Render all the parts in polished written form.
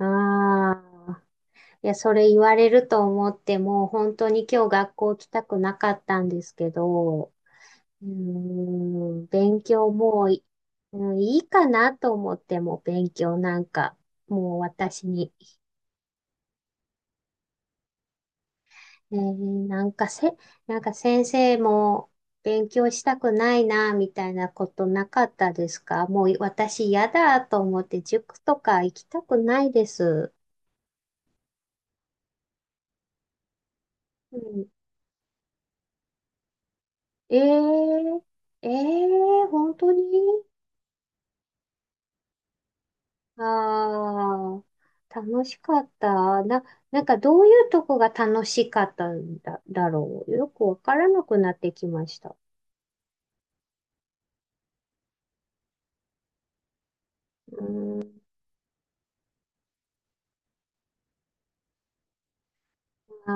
ああ、いや、それ言われると思って、もう本当に今日学校来たくなかったんですけど、勉強もうい、うんいいかなと思っても、勉強なんか、もう私に、ねえーなんかせ、先生も勉強したくないな、みたいなことなかったですか？もう私嫌だと思って、塾とか行きたくないです。うん、えーええ、本当に。ああ、楽しかった。どういうとこが楽しかっただろう。よくわからなくなってきました。うーん。あ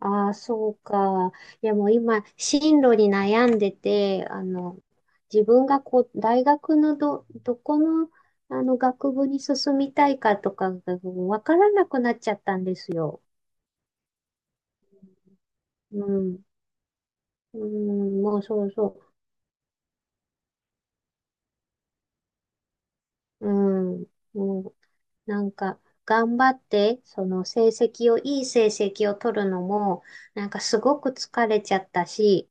あ、ああ、そうか。いやもう今、進路に悩んでて、自分がこう、大学のど、どこの、あの、学部に進みたいかとかがわからなくなっちゃったんですよ。うん。うん、もうそうそう。うん。もうんなんか、頑張って、その成績を、いい成績を取るのも、なんかすごく疲れちゃったし、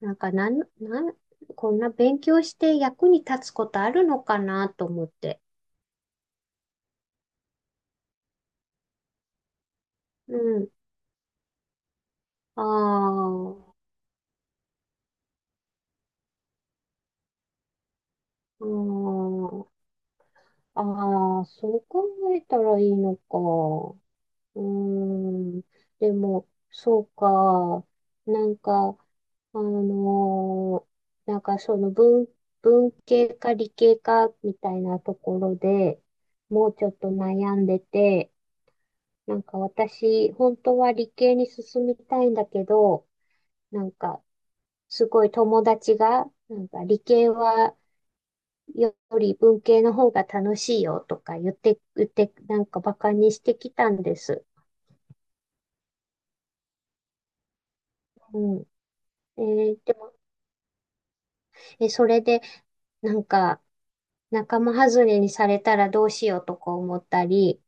なんかなん、なん、こんな勉強して役に立つことあるのかなと思って。うん。ああ、うーん。ああ、そう考えたらいいのか。うーん。でも、そうか。なんか、あのーなんかその文、文系か理系かみたいなところでもうちょっと悩んでて、なんか私、本当は理系に進みたいんだけど、なんかすごい友達が、なんか理系はより文系の方が楽しいよとか言って、なんかバカにしてきたんです。うん。えでも、それで、なんか仲間外れにされたらどうしようとか思ったり、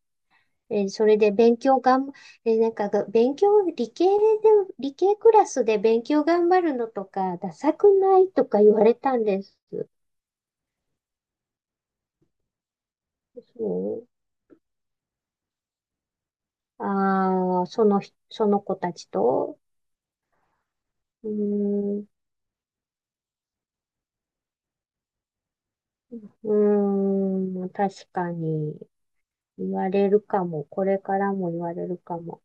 えーそれで勉強がん、えーなんかが、勉強、理系で、理系クラスで勉強頑張るのとか、ダサくないとか言われたんです。そう。ああ、その人、その子たちと。うーん、うーん、確かに言われるかも。これからも言われるかも。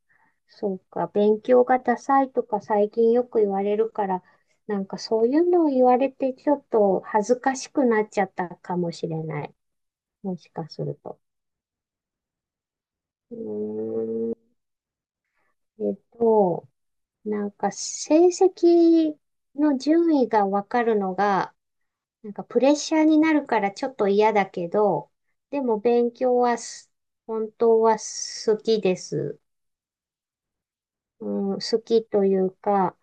そうか、勉強がダサいとか最近よく言われるから、なんかそういうのを言われてちょっと恥ずかしくなっちゃったかもしれない。もしかすると。うーん、えっと、なんか成績の順位がわかるのが、なんかプレッシャーになるからちょっと嫌だけど、でも勉強はす本当は好きです。うん、好きというか、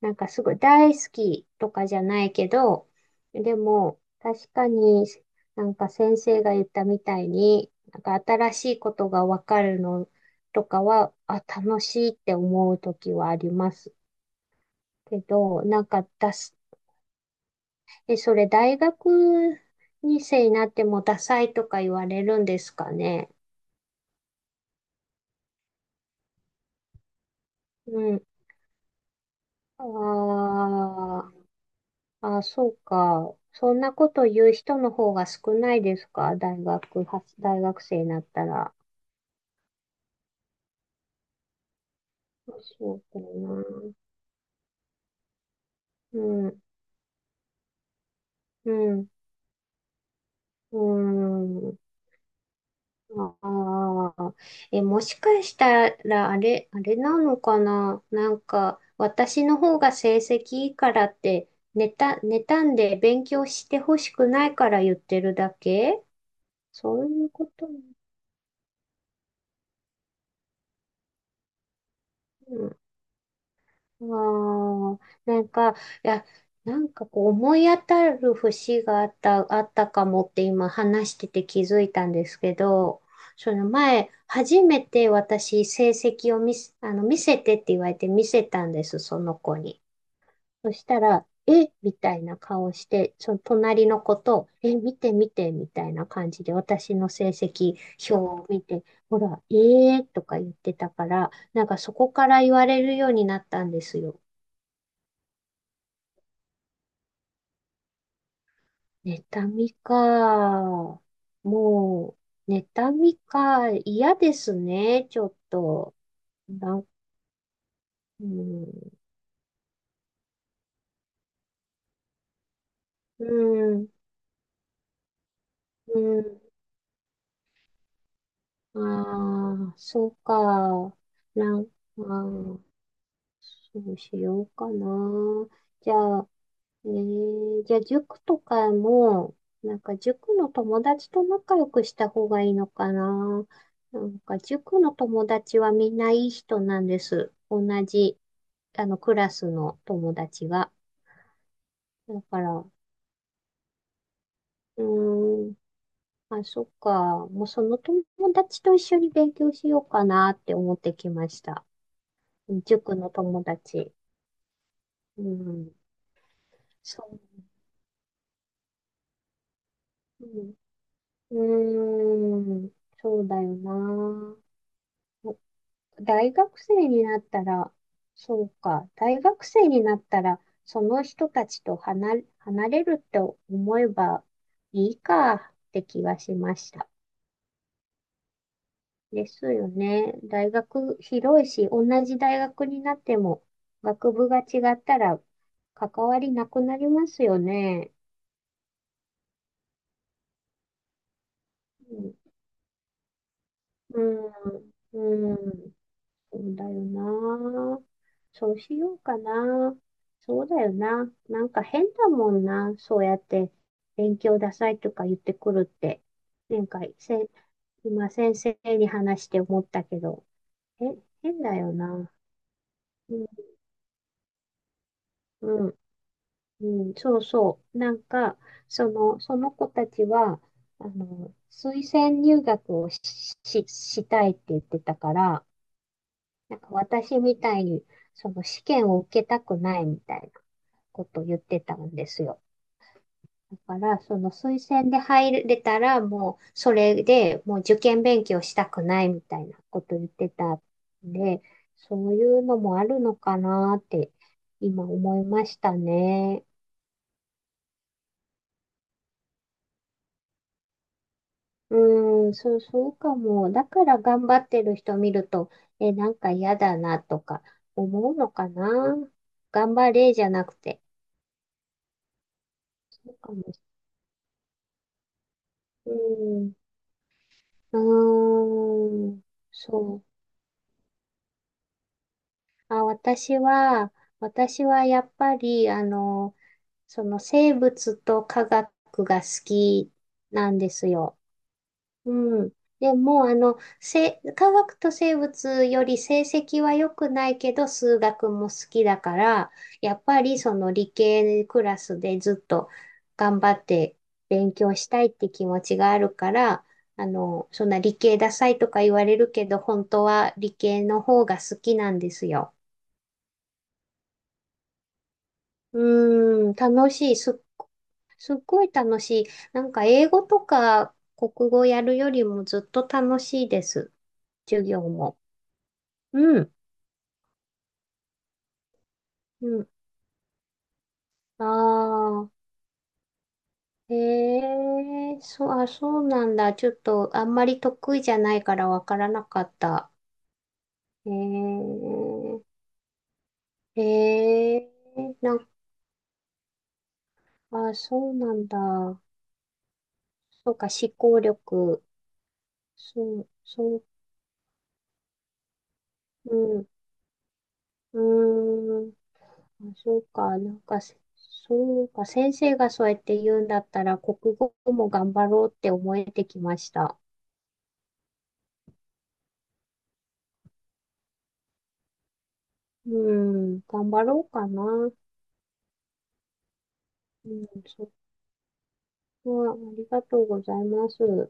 なんかすごい大好きとかじゃないけど、でも確かになんか先生が言ったみたいに、なんか新しいことがわかるのとかは、あ、楽しいって思う時はありますけど、なんかだす、え、それ大学2世になってもダサいとか言われるんですかね？うん。ああ、そうか。そんなこと言う人の方が少ないですか？大学は、大学生になったら。そうかな。うん、うん、うん。ああ。え、もしかしたら、あれなのかな、なんか、私の方が成績いいからって、妬んで勉強してほしくないから言ってるだけ、そういうこと。ああ、なんか、いや、なんかこう思い当たる節があった、あったかもって今話してて気づいたんですけど、その前、初めて私成績を見せ、あの、見せてって言われて見せたんです、その子に。そしたら、えみたいな顔して、その隣の子と、え、見て見てみたいな感じで私の成績表を見て、ほら、えーとか言ってたから、なんかそこから言われるようになったんですよ。妬みか。もう、妬みか。嫌ですね、ちょっと。なん、うん、うん、うん。ああ、そうか。なん、ああ、そうしようかな。じゃあ、じゃあ塾とかも、なんか塾の友達と仲良くした方がいいのかな。なんか塾の友達はみんないい人なんです。同じ、あの、クラスの友達が。だから、うーん、まあ、そっか。もうその友達と一緒に勉強しようかなって思ってきました。塾の友達。うん、そう。うん、うーん、そうだよな。大学生になったら、そうか、大学生になったら、その人たちと離れ、離れるって思えばいいかって気がしました。ですよね。大学広いし、同じ大学になっても、学部が違ったら関わりなくなりますよね。うん、うん、うん、そうだよな。そうしようかな。そうだよな。なんか変だもんな。そうやって勉強ダサいとか言ってくるって。前回、せ、今先生に話して思ったけど、え、変だよな。うん、うん、うん、そうそう。なんか、その子たちは、あの、推薦入学をし、し、したいって言ってたから、なんか私みたいに、その試験を受けたくないみたいな。ことを言ってたんですよ。だから、その推薦で入れたら、もうそれでもう受験勉強したくないみたいなことを言ってたんで、そういうのもあるのかなって今思いましたね。うーん、そう、そうかも。だから頑張ってる人見ると、え、なんか嫌だなとか思うのかな。頑張れじゃなくて。そうかも。うん、うーん、そう。あ、私はやっぱり、あの、その生物と科学が好きなんですよ。うん。でも、科学と生物より成績は良くないけど、数学も好きだから、やっぱりその理系クラスでずっと頑張って勉強したいって気持ちがあるから、あの、そんな理系ダサいとか言われるけど、本当は理系の方が好きなんですよ。うーん、楽しい。すっごい楽しい。なんか英語とか国語やるよりもずっと楽しいです。授業も。うん。うん。ああ、へえ、あ、そうなんだ。ちょっとあんまり得意じゃないからわからなかった。へえ、へえ、なんか、あ、そうなんだ。そうか、思考力。そう、うん、うーん。あ、そうか、なんかせ、そうか、先生がそうやって言うんだったら、国語も頑張ろうって思えてきました。うん、頑張ろうかな。うん、そこはありがとうございます。